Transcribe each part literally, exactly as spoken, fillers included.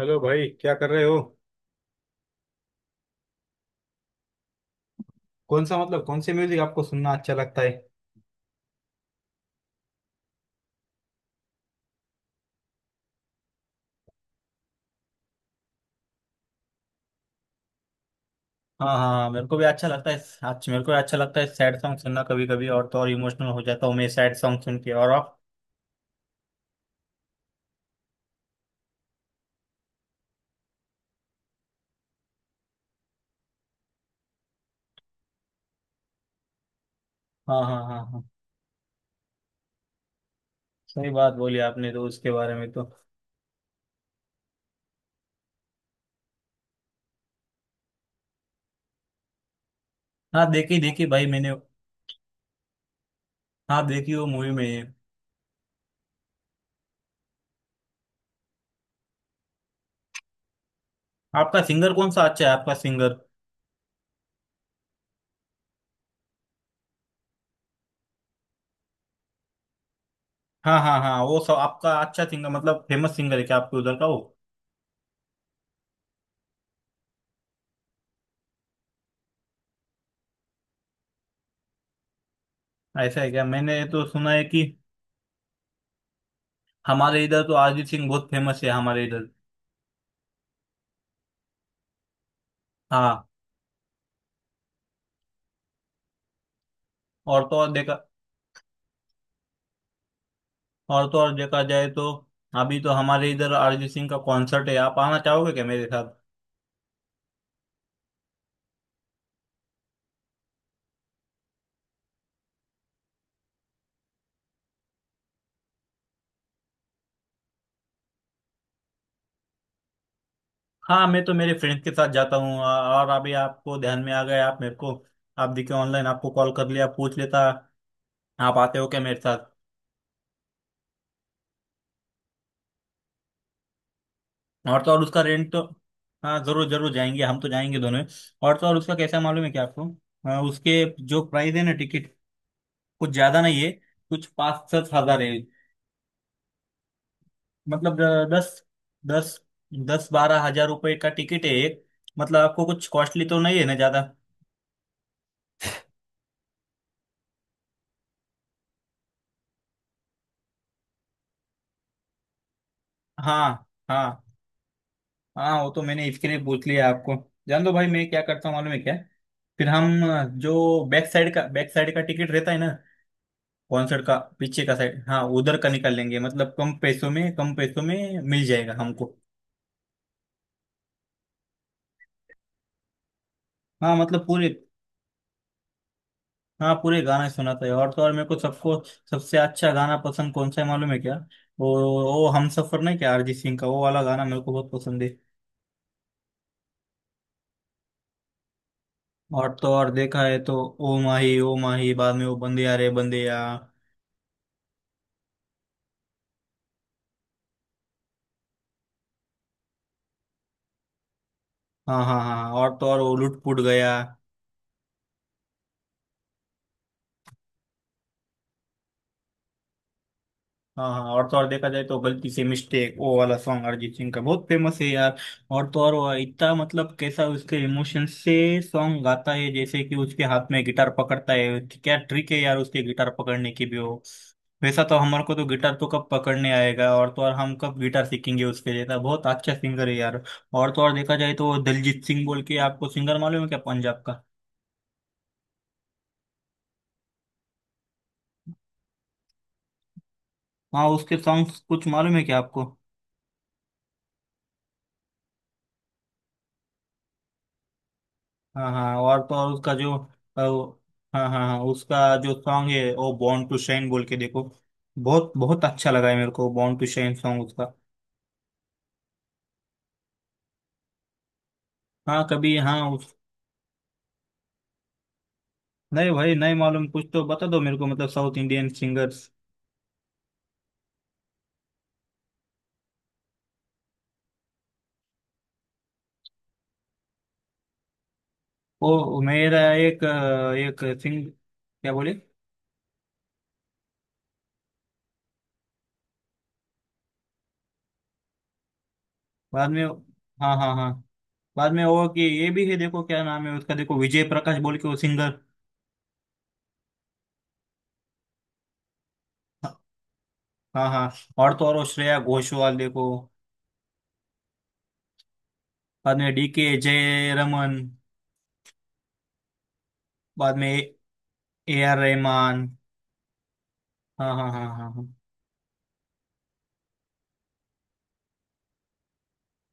Hello भाई, क्या कर रहे हो। कौन सा मतलब कौन से म्यूजिक आपको सुनना अच्छा लगता है। हाँ हाँ, मेरे को भी अच्छा लगता है। अच्छा, मेरे को भी अच्छा लगता है सैड सॉन्ग सुनना, कभी कभी और तो और इमोशनल हो जाता हूँ मैं सैड सॉन्ग सुन के। और आप। हाँ हाँ हाँ हाँ। सही बात बोली आपने, तो उसके बारे में तो। हाँ, देखी देखी भाई मैंने। हाँ, देखी वो मूवी में। आपका सिंगर कौन सा अच्छा है, आपका सिंगर। हाँ हाँ हाँ, वो सब आपका अच्छा सिंगर मतलब फेमस सिंगर है क्या आपके उधर का वो। ऐसा है क्या, मैंने तो सुना है कि हमारे इधर तो अरिजीत सिंह बहुत फेमस है, हमारे इधर। हाँ। और तो और देखा और तो और देखा जाए तो अभी तो हमारे इधर अरिजीत सिंह का कॉन्सर्ट है। आप आना चाहोगे क्या मेरे साथ। हाँ, मैं तो मेरे फ्रेंड्स के साथ जाता हूँ। आ- और अभी आपको ध्यान में आ गया, आप मेरे को आप दिखे ऑनलाइन, आपको कॉल कर लिया, पूछ लेता। आप आते हो क्या मेरे साथ। और तो और उसका रेंट तो। हाँ जरूर जरूर जाएंगे, हम तो जाएंगे दोनों। और तो और उसका कैसा मालूम है क्या आपको। हाँ, उसके जो प्राइस है ना टिकट, कुछ ज्यादा नहीं है। कुछ पाँच सात हजार है। मतलब अ, दस दस दस बारह हजार रुपए का टिकट है एक। मतलब आपको कुछ कॉस्टली तो नहीं है ना ज्यादा। हाँ हाँ हाँ, वो तो मैंने इसके लिए पूछ लिया आपको। जान दो भाई, मैं क्या करता हूँ मालूम है क्या। फिर हम अ, जो बैक साइड का बैक साइड का टिकट रहता है ना कॉन्सर्ट का, पीछे का साइड, हाँ उधर का निकाल लेंगे। मतलब कम पैसों में कम पैसों में मिल जाएगा हमको। हाँ मतलब पूरे, हाँ पूरे गाना सुना था। और तो और मेरे को सबको सबसे अच्छा गाना पसंद कौन सा है मालूम है क्या। वो वो हम सफर नहीं क्या, अरिजीत सिंह का वो वाला गाना मेरे को बहुत पसंद है। और तो और देखा है तो ओ माही ओ माही, बाद में वो बंदे आ रे बंदे आ। हाँ हाँ हाँ, और तो और वो लुट पुट गया। हाँ हाँ, और तो और देखा जाए तो गलती से मिस्टेक वो वाला सॉन्ग अरिजीत सिंह का बहुत फेमस है यार। और तो और वो इतना मतलब कैसा उसके इमोशन से सॉन्ग गाता है, जैसे कि उसके हाथ में गिटार पकड़ता है, क्या ट्रिक है यार उसके गिटार पकड़ने की भी हो। वैसा तो हमारे को तो गिटार तो कब पकड़ने आएगा। और तो और हम कब गिटार सीखेंगे उसके जैसा, बहुत अच्छा सिंगर है यार। और तो और देखा जाए तो वो दलजीत सिंह बोल के, आपको सिंगर मालूम है क्या पंजाब का। हाँ, उसके सॉन्ग्स कुछ मालूम है क्या आपको। हाँ हाँ, और तो और उसका जो अ, वो- हाँ हाँ हाँ, उसका जो सॉन्ग है वो बॉर्न टू शाइन बोल के देखो। बहुत बहुत अच्छा लगा है मेरे को बॉर्न टू शाइन सॉन्ग उसका। हाँ कभी हाँ उस। नहीं भाई, नहीं मालूम, कुछ तो बता दो मेरे को मतलब साउथ इंडियन सिंगर्स। वो मेरा एक अ, एक सिंग क्या बोले। बाद में। हाँ हाँ हाँ। बाद में वो कि ये भी है, देखो क्या नाम है उसका, देखो विजय प्रकाश बोल के वो सिंगर। हाँ हाँ, और तो और वो श्रेया घोषाल देखो। बाद में डी के जय रमन, बाद में ए आर रहमान। हाँ हाँ हाँ हाँ हाँ।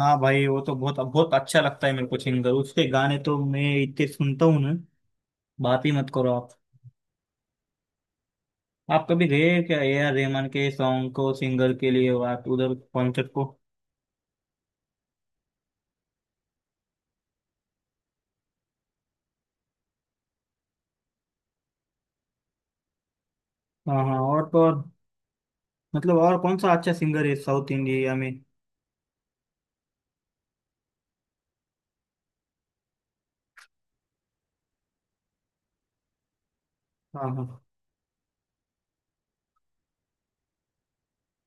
हाँ भाई, वो तो बहुत बहुत अच्छा लगता है मेरे को सिंगर, उसके गाने तो मैं इतने सुनता हूँ ना, बात ही मत करो आप। आप कभी गए क्या ए आर रहमान के सॉन्ग को, सिंगर के लिए आप उधर कॉन्सर्ट को। हाँ हाँ, और तो और मतलब और कौन सा अच्छा सिंगर है साउथ इंडिया में। हाँ हाँ।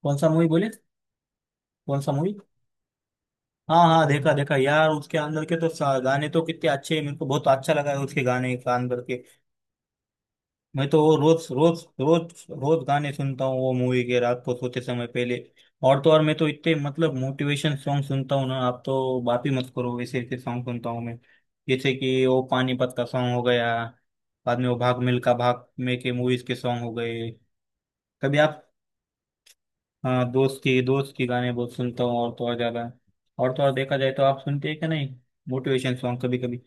कौन सा मूवी बोले, कौन सा मूवी। हाँ हाँ, देखा देखा यार, उसके अंदर के तो सा- गाने तो कितने अच्छे हैं, मेरे को बहुत अच्छा लगा है उसके गाने के अंदर के। मैं तो वो रोज रोज रोज रोज गाने सुनता हूँ वो मूवी के, रात को सोते समय पहले। और तो और मैं तो इतने मतलब मोटिवेशन सॉन्ग सुनता हूँ ना, आप तो बात ही मत करो, वैसे ऐसे सॉन्ग सुनता हूँ मैं। जैसे कि वो पानीपत का सॉन्ग हो गया, बाद में वो भाग मिल्खा भाग में के मूवीज के सॉन्ग हो गए। कभी आप, हाँ दोस्त की दोस्त की गाने बहुत सुनता हूँ और तो और ज्यादा। और तो और देखा जाए तो आप सुनते हैं क्या नहीं मोटिवेशन सॉन्ग कभी कभी।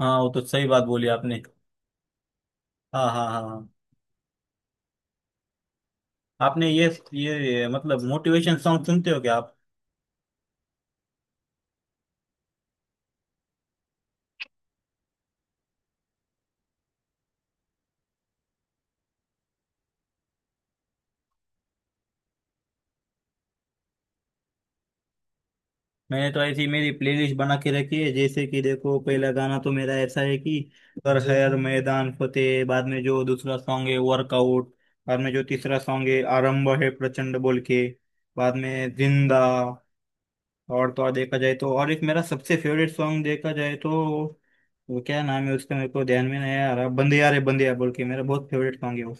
हाँ वो तो सही बात बोली आपने। हाँ हाँ हाँ हाँ। आपने ये ये मतलब मोटिवेशन सॉन्ग सुनते हो क्या आप। मैंने तो ऐसी मेरी प्लेलिस्ट बना के रखी है, जैसे कि देखो पहला गाना तो मेरा ऐसा है कि कर जी हर मैदान फतेह। बाद में जो दूसरा सॉन्ग है वर्कआउट। बाद में जो तीसरा सॉन्ग है आरंभ है प्रचंड बोल के। बाद में जिंदा। और तो और देखा जाए तो, और एक मेरा सबसे फेवरेट सॉन्ग देखा जाए तो वो क्या नाम है उसका, मेरे को ध्यान में नहीं आ रहा, बंदे यार है बंदे यार बोल के, मेरा बहुत फेवरेट सॉन्ग है वो।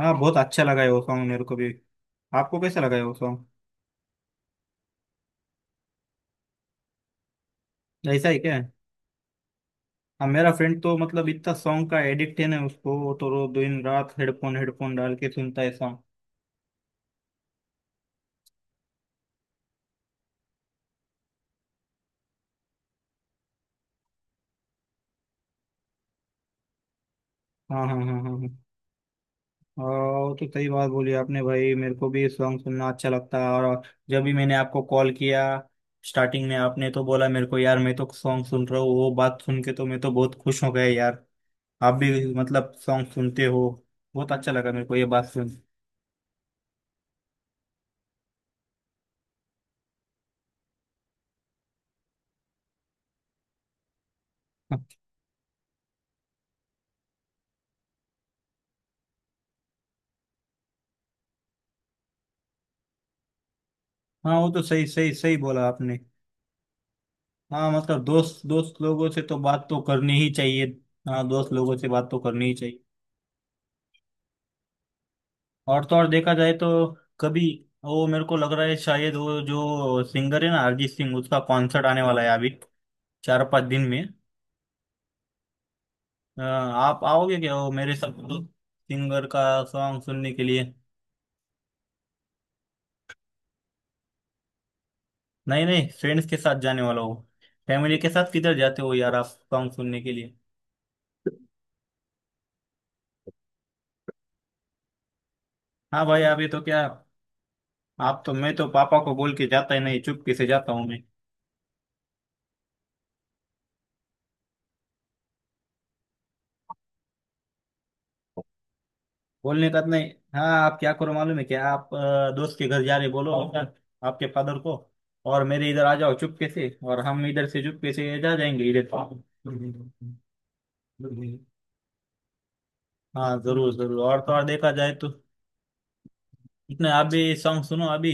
हाँ बहुत अच्छा लगा है वो सॉन्ग मेरे को भी। आपको कैसा लगा है वो सॉन्ग। ऐसा ही क्या। हाँ, मेरा फ्रेंड तो मतलब इतना सॉन्ग का एडिक्ट है ना उसको, वो तो रो दिन रात हेडफोन हेडफोन डाल के सुनता है सॉन्ग। हाँ हाँ हाँ हाँ हाँ। और वो तो सही बात बोली आपने भाई, मेरे को भी सॉन्ग सुनना अच्छा लगता है। और जब भी मैंने आपको कॉल किया, स्टार्टिंग में आपने तो बोला मेरे को यार मैं तो सॉन्ग सुन रहा हूँ, वो बात सुन के तो मैं तो बहुत खुश हो गया यार। आप भी मतलब सॉन्ग सुनते हो, बहुत अच्छा लगा मेरे को ये बात सुन। हाँ वो तो सही सही सही बोला आपने। हाँ मतलब दोस्त दोस्त लोगों से तो बात तो करनी ही चाहिए। हाँ दोस्त लोगों से बात तो करनी ही चाहिए। और तो और देखा जाए तो कभी वो मेरे को लग रहा है, शायद वो जो सिंगर है ना अरिजीत सिंह, उसका कॉन्सर्ट आने वाला है अभी चार पांच दिन में। अ, आप आओगे क्या वो मेरे सब सिंगर का सॉन्ग सुनने के लिए। नहीं नहीं, फ्रेंड्स के साथ जाने वाला हो। फैमिली के साथ किधर जाते हो यार आप सॉन्ग सुनने के लिए। हाँ भाई अभी तो क्या, आप तो, मैं तो पापा को बोल के जाता ही नहीं चुपके से जाता हूँ मैं। बोलने का तो नहीं, हाँ आप क्या करो मालूम है क्या, आप अ, दोस्त के घर जा रहे बोलो आपके फादर को, और मेरे इधर आ जाओ चुपके से, और हम इधर से चुपके से जा जाएंगे इधर। हाँ जरूर जरूर, और तो और देखा जाए तो इतने आप भी सॉन्ग सुनो अभी,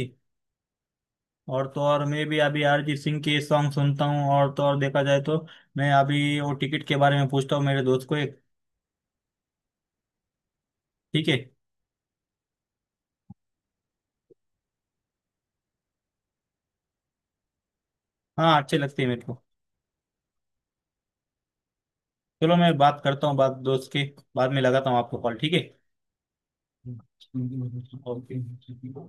और तो और मैं भी अभी अरिजीत सिंह के सॉन्ग सुनता हूँ। और तो और देखा जाए तो मैं अभी वो टिकट के बारे में पूछता हूँ मेरे दोस्त को एक। ठीक है। हाँ अच्छे लगते हैं मेरे को। चलो मैं बात करता हूँ बात दोस्त के, बाद में लगाता हूँ आपको कॉल, ठीक है। हम्म, इसलिए मैं तो चावल के ही चाहती हूँ।